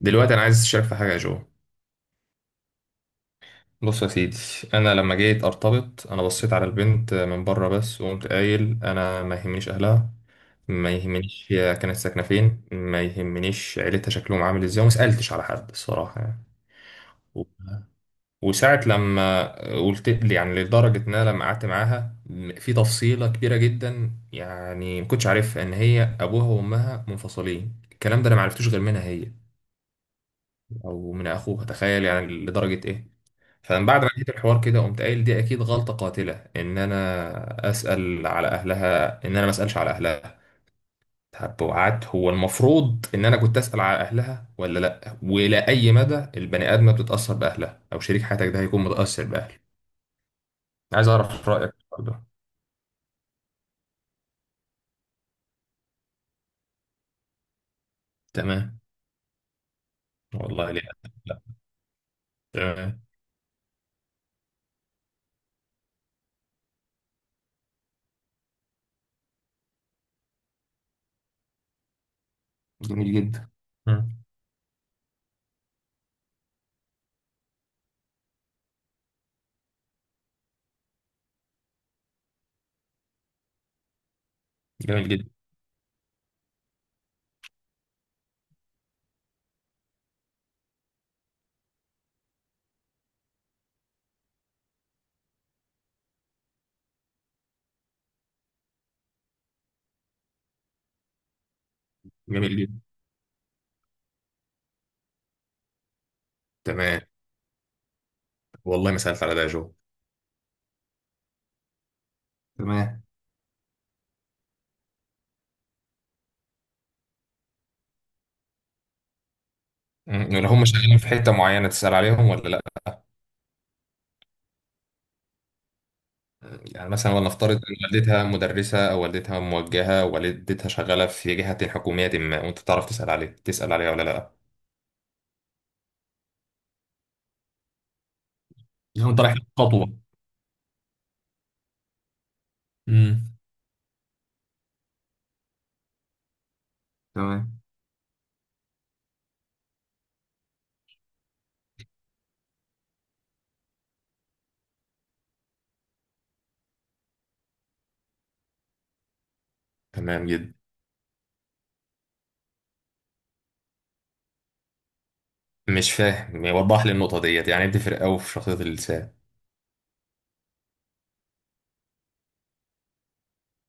دلوقتي انا عايز اشارك في حاجه يا جو. بص يا سيدي، انا لما جيت ارتبط انا بصيت على البنت من بره بس وقمت قايل انا ما يهمنيش اهلها، ما يهمنيش هي كانت ساكنه فين، ما يهمنيش عيلتها شكلهم عامل ازاي وما سالتش على حد الصراحه يعني. و- وساعه لما قلت لي يعني لدرجه ان انا لما قعدت معاها في تفصيله كبيره جدا يعني ما كنتش عارفها ان هي ابوها وامها منفصلين، الكلام ده انا ما عرفتوش غير منها هي او من اخوها، تخيل يعني لدرجه ايه. فمن بعد ما لقيت الحوار كده قمت قايل دي اكيد غلطه قاتله ان انا اسال على اهلها ان انا ما اسالش على اهلها. طب وقعدت هو المفروض ان انا كنت اسال على اهلها ولا لا، والى اي مدى البني ادمه بتتاثر باهلها او شريك حياتك ده هيكون متاثر باهله، عايز اعرف رايك برضه. تمام. والله ليه. لا. تمام. جميل جدا. مم. جميل جدا. جميل جدا. تمام. والله ما سالت على ده يا جو. تمام. مم. ولا هم شغالين في حتة معينة تسأل عليهم ولا لأ؟ يعني مثلا ونفترض إن والدتها مدرسة أو والدتها موجهة أو والدتها شغالة في جهة حكومية ما، وأنت تعرف تسأل عليه تسأل عليها ولا لأ. لو انت رايح خطوه. امم. تمام. تمام جدا. مش فاهم، وضح لي النقطة ديت يعني بتفرق أوي في شخصية الإنسان.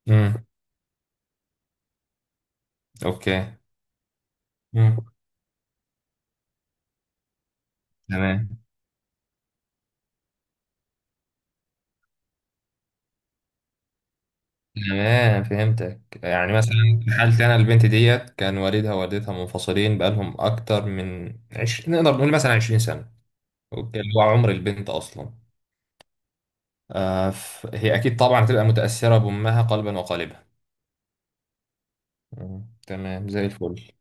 امم. أوكي. امم. تمام. تمام فهمتك. يعني مثلا في حالتي أنا البنت ديت كان والدها ووالدتها منفصلين بقالهم أكتر من نقدر نقول مثلا 20 سنة. اوكي اللي هو عمر البنت اصلا. آه هي اكيد طبعا هتبقى متاثره بامها قلبا وقالبا. مم. تمام زي الفل.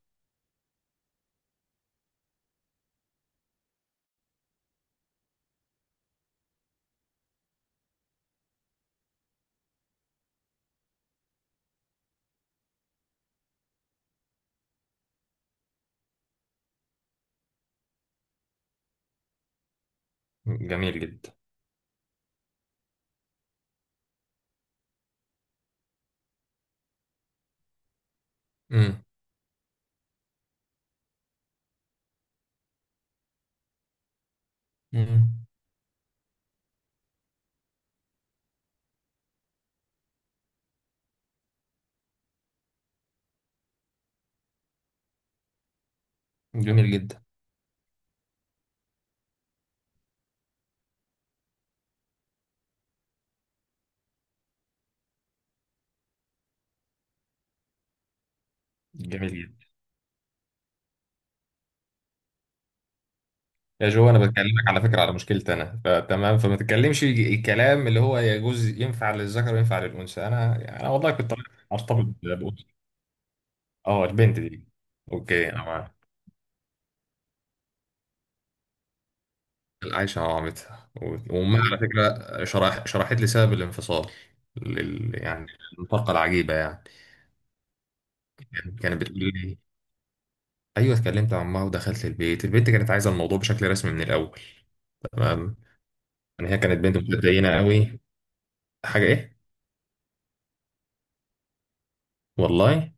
جميل جدا. مم. مم. جميل جدا. جميل جدا. يا جو انا بكلمك على فكره على مشكلتي انا، فتمام فما تتكلمش الكلام اللي هو يجوز ينفع للذكر وينفع للانثى، انا يعني، انا والله كنت ارتبط بأنثى. اه البنت دي. اوكي انا. عايشة مع مامتها. وأمها على فكرة شرح شرحت لي سبب الانفصال يعني الفرقة العجيبة يعني. يعني كانت بتقول لي، أيوه اتكلمت مع أمها ودخلت البيت، البنت كانت عايزة الموضوع بشكل رسمي من الأول. تمام. يعني هي كانت بنت متدينة قوي. حاجة إيه؟ والله.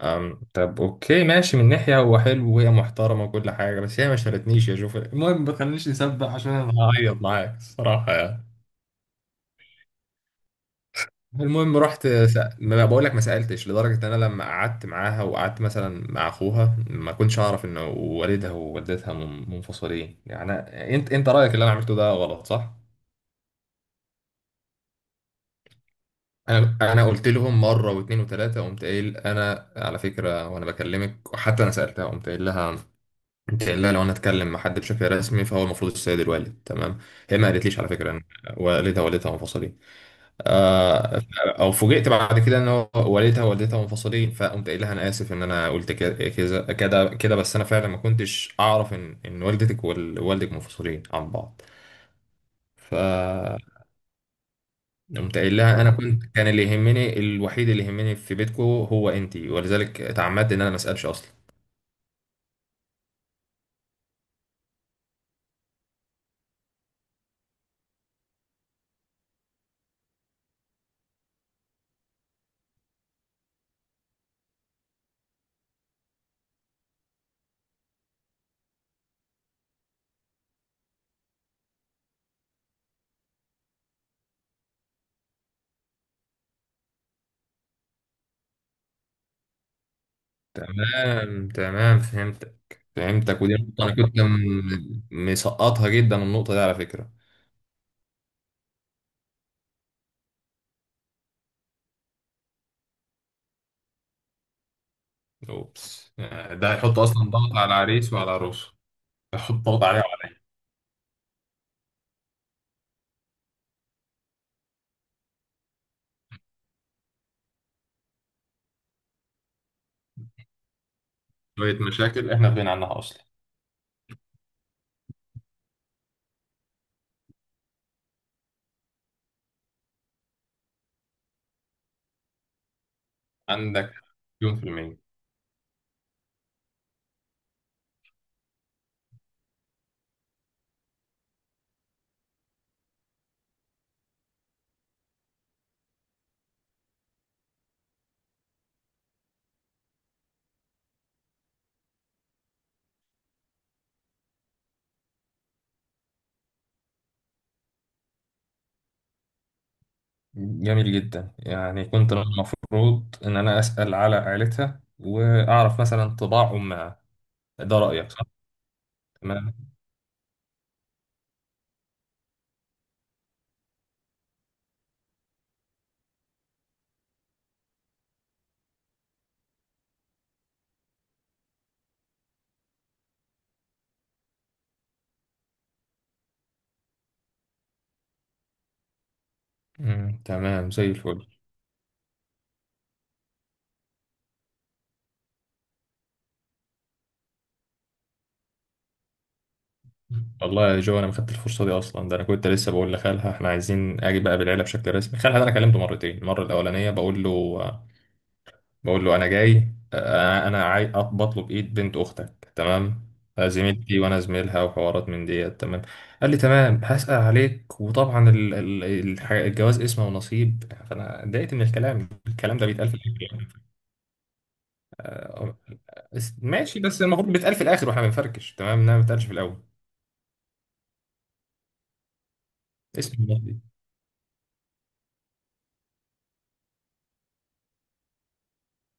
أم... طب أوكي ماشي، من ناحية هو حلو وهي محترمة وكل حاجة، بس هي ما شالتنيش يا شوف، المهم ما تخلينيش نسبح عشان أنا هعيط معاك الصراحة يعني. المهم رحت ما بقول لك ما سألتش، لدرجة ان انا لما قعدت معاها وقعدت مثلا مع اخوها ما كنتش اعرف ان والدها ووالدتها منفصلين، يعني انت رأيك اللي انا عملته ده غلط صح؟ انا قلت لهم مرة واثنين وثلاثة، قمت قايل انا على فكرة وانا بكلمك، وحتى انا سألتها قمت قايل لها قمت قايل لها لو انا اتكلم مع حد بشكل رسمي فهو المفروض السيد الوالد تمام؟ هي ما قالتليش على فكرة ان والدها ووالدتها منفصلين. آه، او فوجئت بعد كده ان هو والدها ووالدتها منفصلين، فقمت قايل لها انا اسف ان انا قلت كده كده كده، بس انا فعلا ما كنتش اعرف ان والدتك ووالدك منفصلين عن بعض. فقمت قايل لها انا كنت كان اللي يهمني الوحيد اللي يهمني في بيتكم هو انتي، ولذلك اتعمدت ان انا ما اسالش اصلا. تمام. تمام فهمتك. فهمتك، ودي نقطة انا كنت مسقطها جدا النقطة دي على فكرة. اوبس يعني ده هيحط اصلا ضغط على العريس وعلى العروس. حط ضغط عليها وعلى شوية مشاكل إحنا غنى عنها أصلا. عندك مليون في المية. جميل جدا، يعني كنت المفروض ان انا اسال على عائلتها واعرف مثلا طباع امها. ده رايك صح. تمام. مم. تمام زي الفل. والله يا جو انا ما خدت الفرصه دي اصلا، ده انا كنت لسه بقول لخالها احنا عايزين اجي بقى بالعيله بشكل رسمي، خالها ده انا كلمته مرتين، المره الاولانيه بقول له انا جاي انا بطلب ايد بنت اختك تمام. آه، زميلتي وانا زميلها وحوارات من ديت تمام. قال لي تمام هسأل عليك وطبعا الجواز اسمه ونصيب، فانا اتضايقت من الكلام، الكلام ده بيتقال في الاخر يعني. ف- ماشي بس المفروض بيتقال في الاخر واحنا بنفركش تمام، انما ما بيتقالش في الاول. اسم ونصيب؟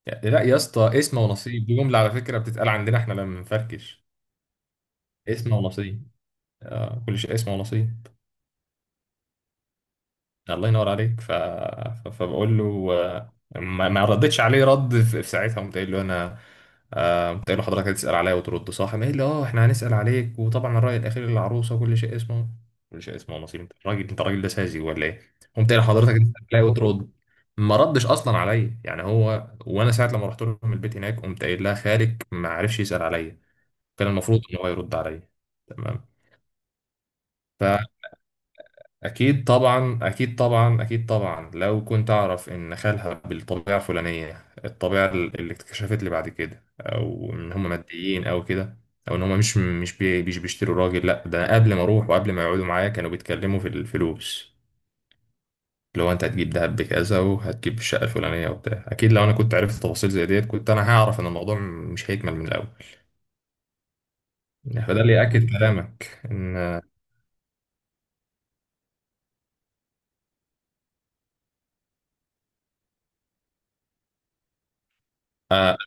يعني لا يا اسطى اسم ونصيب دي جمله على فكره بتتقال عندنا احنا لما بنفركش. اسم ونصيب. آه كل شيء اسم ونصيب. الله ينور عليك. فبقول له آه، ما ردتش عليه رد في ساعتها، قمت قايل له انا آه، قمت قايل له حضرتك هتسال عليا وترد صح؟ قام قايل لي اه احنا هنسال عليك وطبعا الراي الاخير للعروسه كل شيء اسمه نصيب. انت راجل، راجل ده ساذج ولا ايه؟ قمت قايل لحضرتك هتسال عليا وترد. ما ردش اصلا عليا يعني هو. وانا ساعه لما رحت لهم البيت هناك قمت قايل لها خالك ما عرفش يسال عليا، كان المفروض ان هو يرد عليا. تمام. أكيد طبعا، أكيد طبعا، أكيد طبعا، لو كنت أعرف إن خالها بالطبيعة الفلانية، الطبيعة اللي اكتشفت لي بعد كده، أو إن هم ماديين أو كده، أو إن هم مش بيشتروا راجل، لأ ده قبل ما أروح وقبل ما يقعدوا معايا كانوا بيتكلموا في الفلوس، اللي هو أنت هتجيب دهب بكذا وهتجيب الشقة الفلانية وبتاع. أكيد لو أنا كنت عرفت تفاصيل زي ديت كنت أنا هعرف إن الموضوع مش هيكمل من الأول. فده اللي يأكد كلامك إن آه،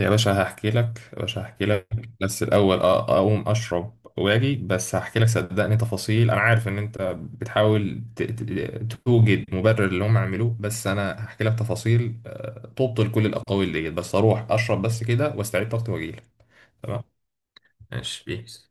يا باشا هحكي لك، يا باشا هحكي لك بس الأول أقوم أشرب وأجي، بس هحكي لك صدقني تفاصيل. أنا عارف إن أنت بتحاول توجد مبرر اللي هم عملوه، بس أنا هحكي لك تفاصيل آه، تبطل كل الأقاويل ديت، بس أروح أشرب بس كده وأستعيد طاقتي وأجيلك. تمام. ماشي بيس.